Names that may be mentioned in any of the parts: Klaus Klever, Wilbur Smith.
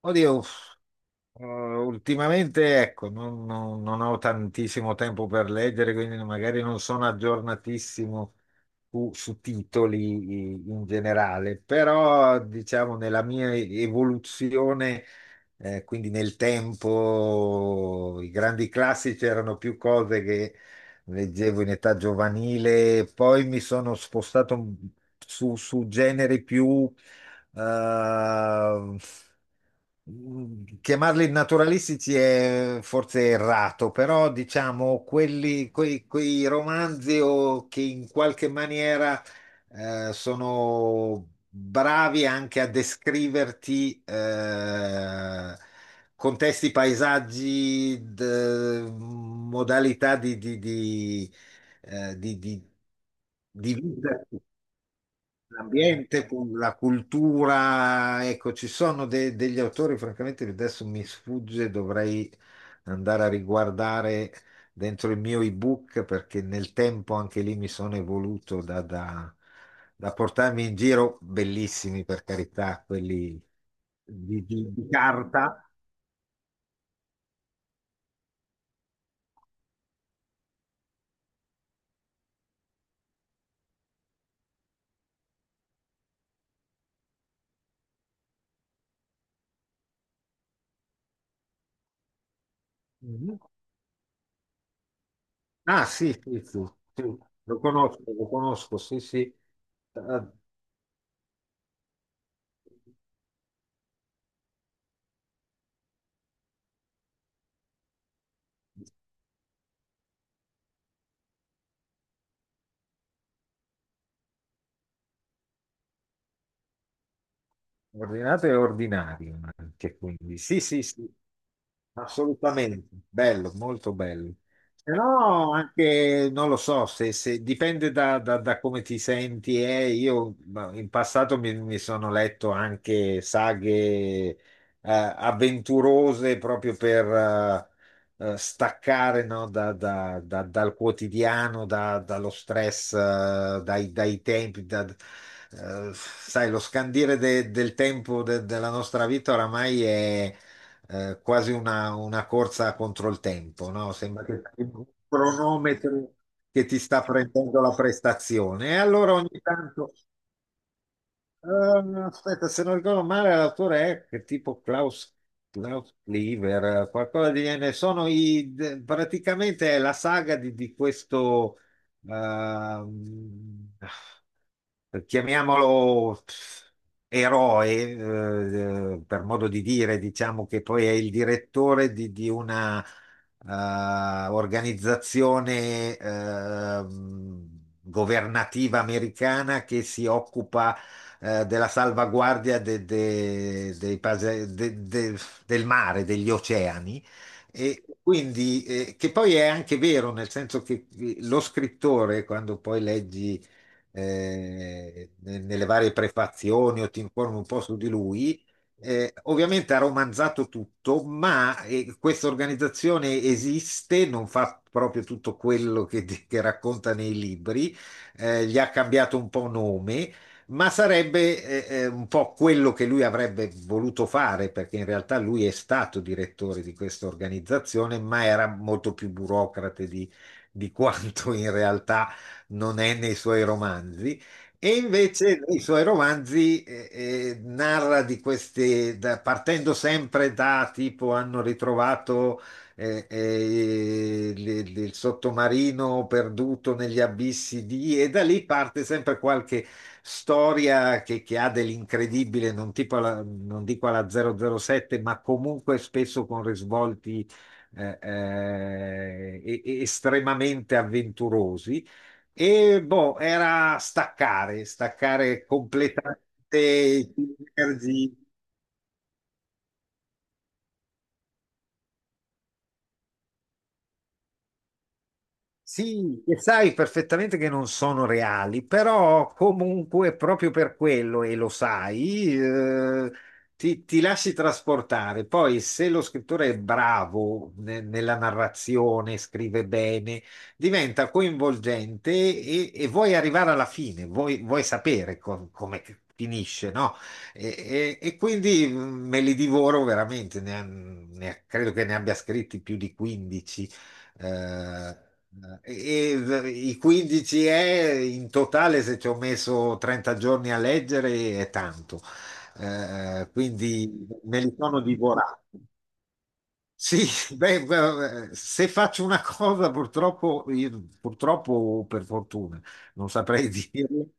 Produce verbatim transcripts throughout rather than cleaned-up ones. Oddio, eh, ultimamente ecco, non, non- non ho tantissimo tempo per leggere, quindi magari non sono aggiornatissimo su, su titoli in generale, però diciamo nella mia evoluzione, eh, quindi nel tempo, i grandi classici erano più cose che leggevo in età giovanile, poi mi sono spostato su, su generi più... eh, Mhmm, Chiamarli naturalistici è forse errato, però diciamo quelli, quei, quei romanzi o che in qualche maniera eh, sono bravi anche a descriverti eh, contesti, paesaggi, d- modalità di, di- di, eh, di- di- di vita. L'ambiente, cu- la cultura, ecco, ci sono de- degli autori, francamente, che adesso mi sfugge, dovrei andare a riguardare dentro il mio ebook perché nel tempo anche lì mi sono evoluto da, da- da portarmi in giro, bellissimi per carità, quelli di, di- di carta. Mhm. Ah, sì, sì, sì, sì, lo conosco, lo conosco, sì, sì. Eh, Ordinato e ordinario anche, quindi. Sì, sì, sì. Assolutamente, bello, molto bello. Se no, anche non lo so, se, se- dipende da, da- da come ti senti. eh. Io ma, in passato mi, mi sono letto anche saghe eh, avventurose proprio per eh, eh, staccare no, da- da- da- dal quotidiano, da- dallo stress, eh, dai, dai tempi. da- eh, sai, lo scandire de- del tempo de- della nostra vita oramai è eh, quasi una, una corsa contro il tempo, no? Sembra che c'è un cronometro che ti sta prendendo la prestazione. E allora ogni tanto, eh, aspetta, se non ricordo male, l'autore è che tipo Klaus, Klaus Klever, eh, qualcosa di genere. Sono i, de- praticamente è la saga di, di questo. ehm, chiamiamolo eroe, eh, per modo di dire, diciamo che poi è il direttore di, di una eh, organizzazione ehm, governativa americana che si occupa eh, della salvaguardia de- de- dei pase- de- de- del mare, degli oceani. E quindi, eh, che poi è anche vero, nel senso che lo scrittore, quando poi leggi eh, ne- nelle varie prefazioni o ti informi un po' su di lui. Eh, ovviamente ha romanzato tutto, ma eh, questa organizzazione esiste, non fa proprio tutto quello che, che racconta nei libri, eh, gli ha cambiato un po' nome, ma sarebbe eh, eh, un po' quello che lui avrebbe voluto fare, perché in realtà lui è stato direttore di questa organizzazione, ma era molto più burocrate di, di quanto in realtà non è nei suoi romanzi. E invece nei suoi romanzi eh, eh, narra di queste, da- partendo sempre da tipo hanno ritrovato eh, eh, il, il sottomarino perduto negli abissi di, e da lì parte sempre qualche storia che, che ha dell'incredibile, non, tipo alla- non dico alla zero zero sette, ma comunque spesso con risvolti eh, eh, e- e- estremamente avventurosi. E boh, era staccare, staccare completamente energie. Sì, e sai perfettamente che non sono reali, però comunque proprio per quello, e lo sai, eh, ti, ti lasci trasportare. Poi se lo scrittore è bravo ne- nella narrazione, scrive bene, diventa coinvolgente e, e vuoi arrivare alla fine, vuoi, vuoi sapere com- come finisce, no? E, e- e quindi mm, me li divoro veramente, ne ha- ne ha- credo che ne abbia scritti più di quindici. Eh, eh, e i quindici è in totale, se ci ho messo trenta giorni a leggere, è tanto. Eh, quindi me li sono divorati. Sì, beh, beh, se faccio una cosa purtroppo, io- purtroppo o per fortuna, non saprei dirlo,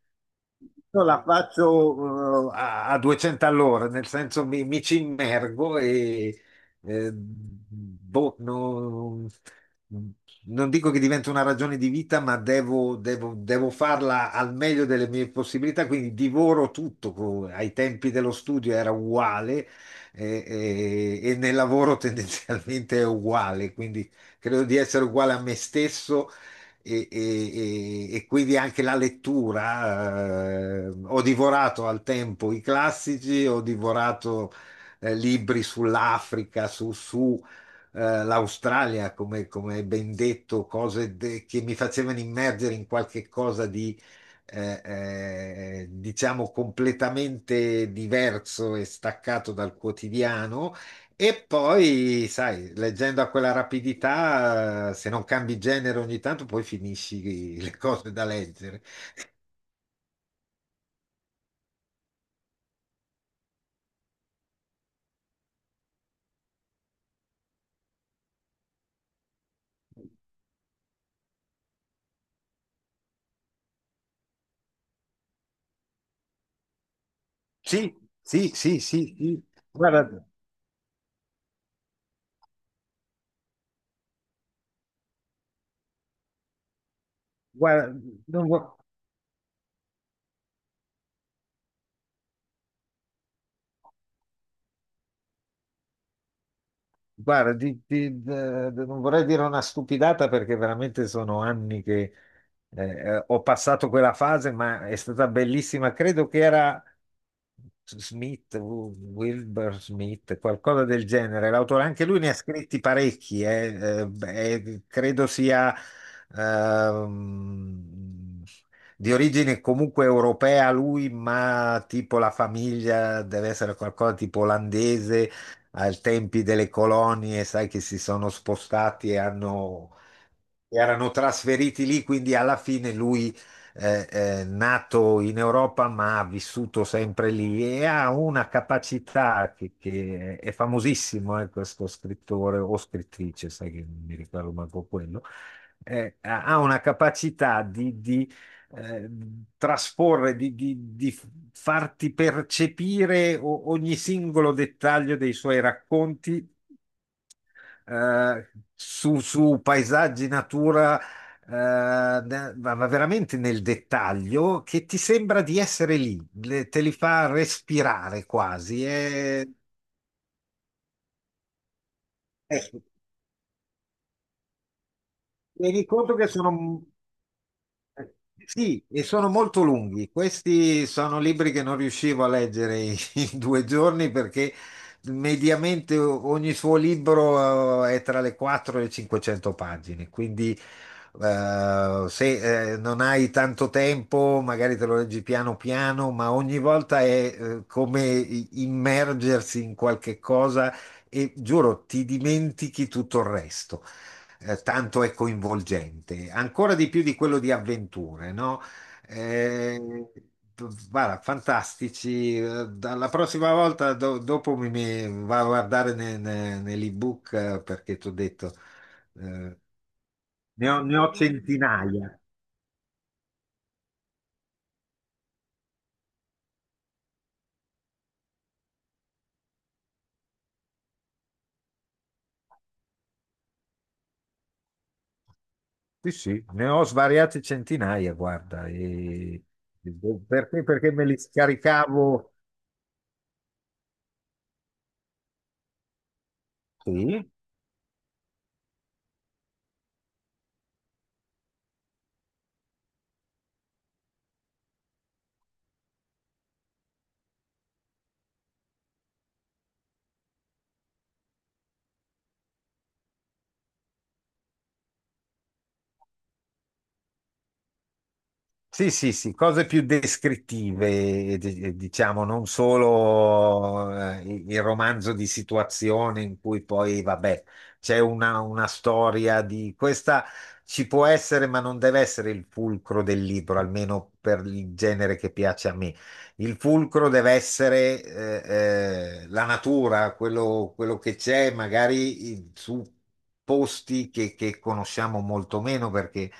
io la faccio eh, a, a duecento all'ora, nel senso mi, mi ci immergo e eh, boh, non, non dico che diventa una ragione di vita, ma devo, devo- devo farla al meglio delle mie possibilità, quindi divoro tutto. co- Ai tempi dello studio era uguale, eh, eh, e nel lavoro tendenzialmente è uguale, quindi credo di essere uguale a me stesso e, e- e- e quindi anche la lettura. eh, ho divorato al tempo i classici, ho divorato eh, libri sull'Africa, su, su, eh, l'Australia, come, come ben detto, cose de- che mi facevano immergere in qualche cosa di eh, eh, diciamo completamente diverso e staccato dal quotidiano. E poi, sai, leggendo a quella rapidità, eh, se non cambi genere ogni tanto, poi finisci le cose da leggere. Sì, sì, sì, sì. Sì. Guarda, guarda, non vo- Guarda, di- di- de- de- non vorrei dire una stupidata perché veramente sono anni che eh, ho passato quella fase, ma è stata bellissima. Credo che era Smith, Wu- Wilbur Smith, qualcosa del genere. L'autore, anche lui ne ha scritti parecchi, eh, eh, beh, credo sia ehm, di origine comunque europea lui, ma tipo la famiglia deve essere qualcosa tipo olandese ai tempi delle colonie, sai che si sono spostati e hanno erano trasferiti lì, quindi alla fine lui eh, eh, nato in Europa ma ha vissuto sempre lì e ha una capacità che, che è famosissimo, eh, questo scrittore o scrittrice, sai che non mi ricordo manco quello, eh, ha ha una capacità di, di, eh, trasporre, di, di- di farti percepire o- ogni singolo dettaglio dei suoi racconti eh, su, su paesaggi, natura, eh, ne- ma ma veramente nel dettaglio, che ti sembra di essere lì, le- te li fa respirare quasi. E, ecco, tieni conto che sono eh, sì, e sono molto lunghi. Questi sono libri che non riuscivo a leggere in in due giorni perché mediamente o- ogni suo libro eh, è tra le quattro e le cinquecento pagine. Quindi eh, se eh, non hai tanto tempo, magari te lo leggi piano piano, ma ogni volta è eh, come i- immergersi in qualche cosa e giuro, ti dimentichi tutto il resto eh, tanto è coinvolgente, ancora di più di quello di avventure, no? Eh, guarda, fantastici. Eh, Dalla prossima volta, do- dopo mi, mi vado a guardare ne- ne- nell'ebook eh, perché ti ho detto, eh, ne ho, ne ho centinaia. Sì, sì, ne ho svariate centinaia, guarda. e- Perché? Perché me li scaricavo. Sì. Sì, sì, sì, cose più descrittive, eh, di- eh, diciamo, non solo eh, il romanzo di situazione in cui poi, vabbè, c'è una, una storia di questa ci può essere, ma non deve essere il fulcro del libro, almeno per il genere che piace a me. Il fulcro deve essere eh, eh, la natura, quello, quello che c'è, magari i- su posti che, che conosciamo molto meno, perché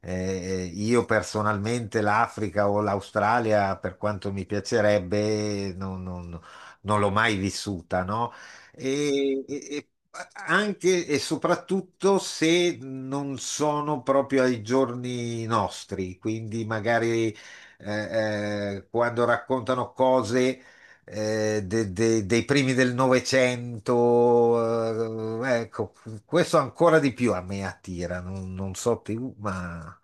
eh, io personalmente l'Africa o l'Australia, per quanto mi piacerebbe, non, non- non l'ho mai vissuta, no? E, e- e anche e soprattutto se non sono proprio ai giorni nostri, quindi magari eh, eh, quando raccontano cose eh, de- de- dei primi del Novecento, eh, ecco, questo ancora di più a me attira, non, non so più, ma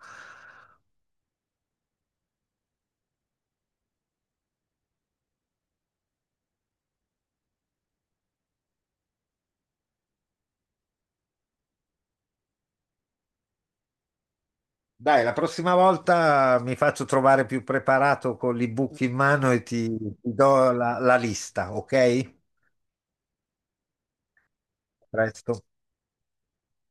dai, la prossima volta mi faccio trovare più preparato con l'ebook in mano e ti, ti do la la lista, ok? A presto.